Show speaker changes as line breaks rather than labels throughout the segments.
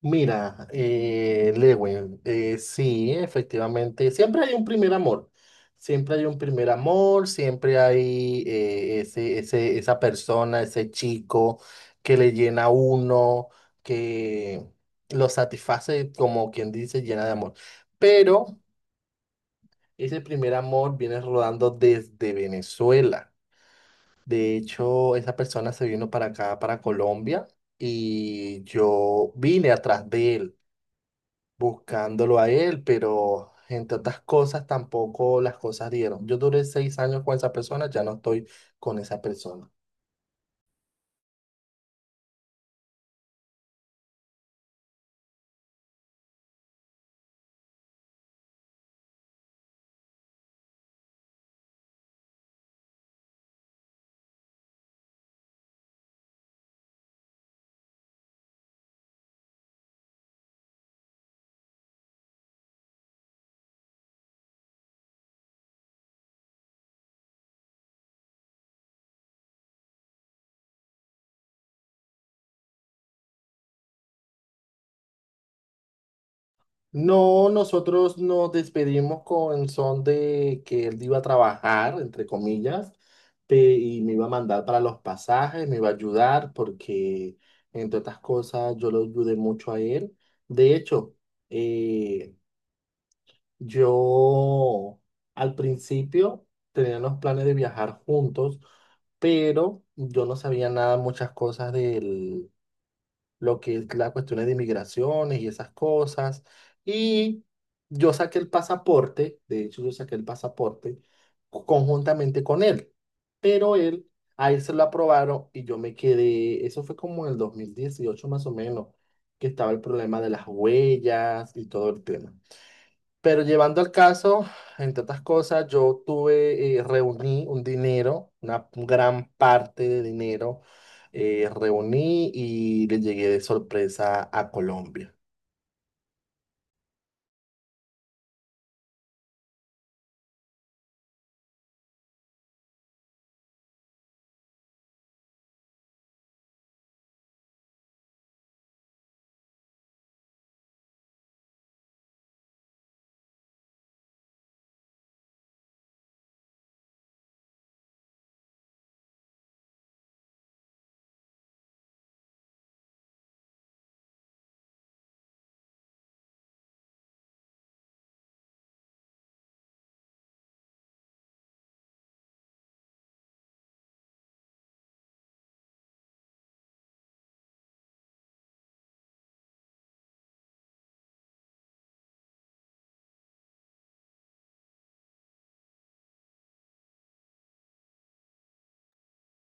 Mira, Lewin, sí, efectivamente, siempre hay un primer amor, siempre hay esa persona, ese chico que le llena a uno, que lo satisface, como quien dice, llena de amor. Pero ese primer amor viene rodando desde Venezuela. De hecho, esa persona se vino para acá, para Colombia, y yo vine atrás de él buscándolo a él, pero entre otras cosas tampoco las cosas dieron. Yo duré 6 años con esa persona, ya no estoy con esa persona. No, nosotros nos despedimos con son de que él iba a trabajar, entre comillas, y me iba a mandar para los pasajes, me iba a ayudar porque, entre otras cosas, yo lo ayudé mucho a él. De hecho, eh, yo al principio tenía los planes de viajar juntos, pero yo no sabía nada, muchas cosas de lo que es la cuestiones de inmigraciones y esas cosas. Y yo saqué el pasaporte, de hecho yo saqué el pasaporte conjuntamente con él, pero a él se lo aprobaron y yo me quedé, eso fue como en el 2018 más o menos, que estaba el problema de las huellas y todo el tema. Pero llevando al caso, entre otras cosas, reuní un dinero, una gran parte de dinero, reuní y le llegué de sorpresa a Colombia.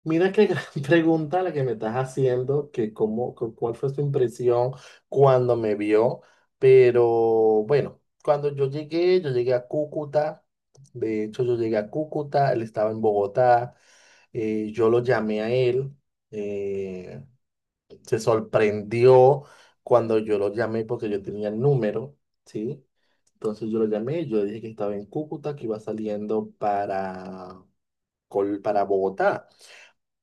Mira qué gran pregunta la que me estás haciendo, que cuál fue su impresión cuando me vio, pero bueno, cuando yo llegué a Cúcuta, de hecho yo llegué a Cúcuta, él estaba en Bogotá, yo lo llamé a él. eh, Se sorprendió cuando yo lo llamé porque yo tenía el número, ¿sí? Entonces yo lo llamé, yo le dije que estaba en Cúcuta, que iba saliendo para, para Bogotá,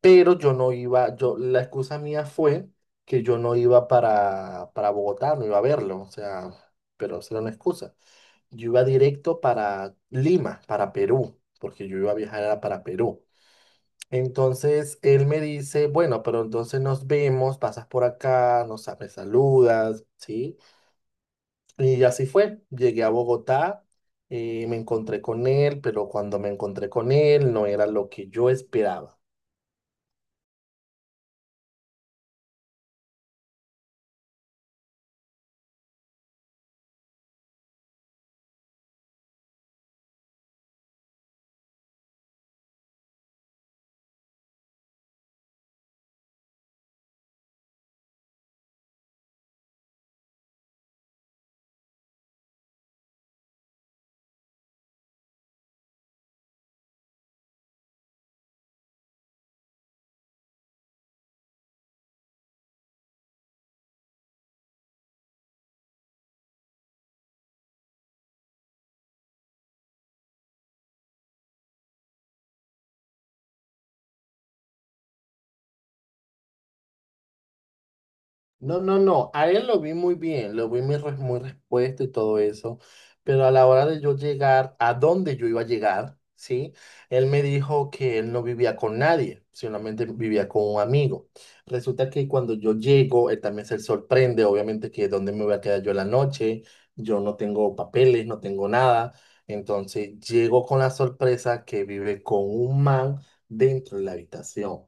pero yo no iba, yo, la excusa mía fue que yo no iba para Bogotá, no iba a verlo, o sea, pero esa era una excusa. Yo iba directo para Lima, para Perú, porque yo iba a viajar era para Perú. Entonces él me dice, bueno, pero entonces nos vemos, pasas por acá, nos, me saludas, ¿sí? Y así fue. Llegué a Bogotá, me encontré con él, pero cuando me encontré con él no era lo que yo esperaba. No, no, no, a él lo vi muy bien, lo vi muy respuesto y todo eso, pero a la hora de yo llegar a dónde yo iba a llegar, ¿sí? Él me dijo que él no vivía con nadie, solamente vivía con un amigo. Resulta que cuando yo llego, él también se sorprende, obviamente que dónde me voy a quedar yo la noche, yo no tengo papeles, no tengo nada, entonces llego con la sorpresa que vive con un man dentro de la habitación.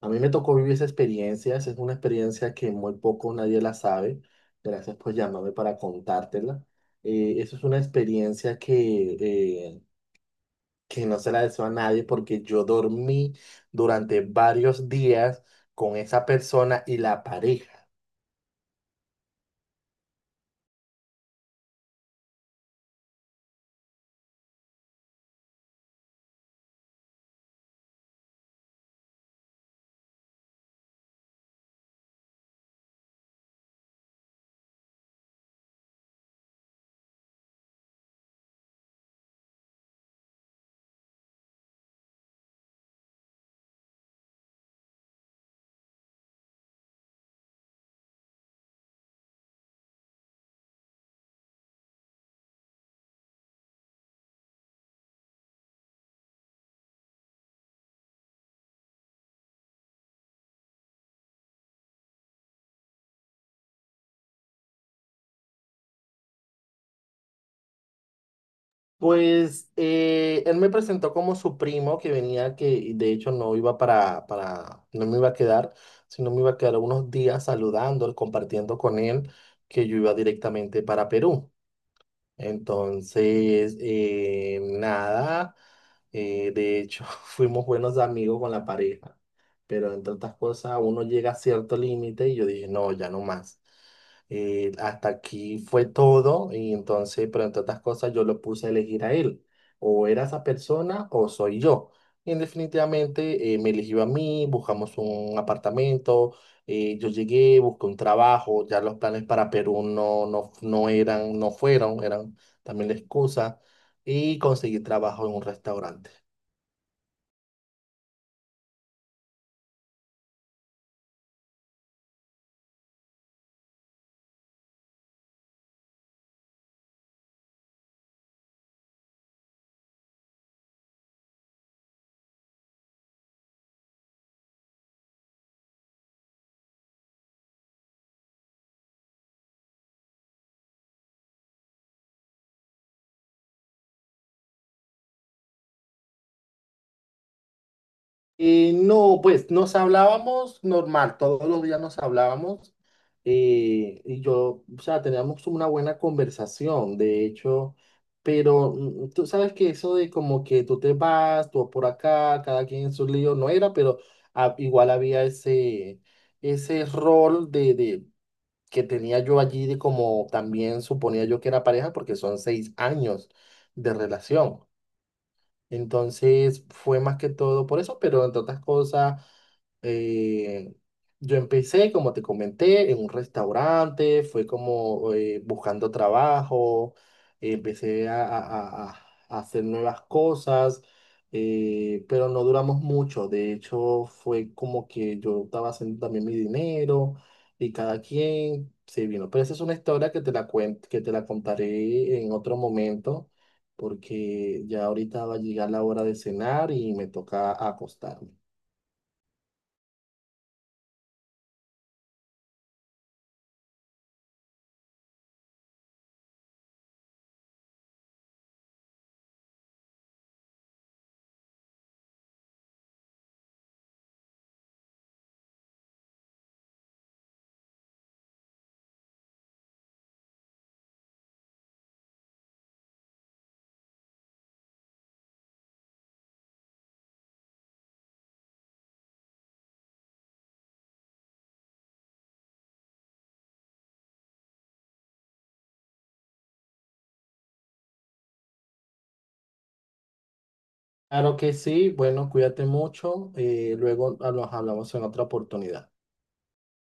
A mí me tocó vivir esa experiencia, esa es una experiencia que muy poco nadie la sabe. Gracias por llamarme para contártela. Eso es una experiencia que no se la deseo a nadie porque yo dormí durante varios días con esa persona y la pareja. Pues él me presentó como su primo que venía, que de hecho no iba no me iba a quedar, sino me iba a quedar unos días saludando, compartiendo con él, que yo iba directamente para Perú. Entonces, nada, de hecho, fuimos buenos amigos con la pareja, pero entre otras cosas, uno llega a cierto límite y yo dije, no, ya no más. Hasta aquí fue todo y entonces, pero entre otras cosas, yo lo puse a elegir a él. O era esa persona o soy yo. Y definitivamente me eligió a mí, buscamos un apartamento, yo llegué, busqué un trabajo, ya los planes para Perú no eran, no fueron, eran también la excusa, y conseguí trabajo en un restaurante. No, pues nos hablábamos normal, todos los días nos hablábamos, y yo, o sea, teníamos una buena conversación, de hecho, pero tú sabes que eso de como que tú te vas, tú por acá, cada quien en su lío, no era, pero igual había ese rol de que tenía yo allí de como también suponía yo que era pareja porque son 6 años de relación. Entonces fue más que todo por eso, pero entre otras cosas, eh, yo empecé, como te comenté, en un restaurante, fue como buscando trabajo, empecé a hacer nuevas cosas, pero no duramos mucho. De hecho, fue como que yo estaba haciendo también mi dinero y cada quien se vino. Pero esa es una historia que te la contaré en otro momento porque ya ahorita va a llegar la hora de cenar y me toca acostarme. Claro que sí, bueno, cuídate mucho, luego nos hablamos en otra oportunidad.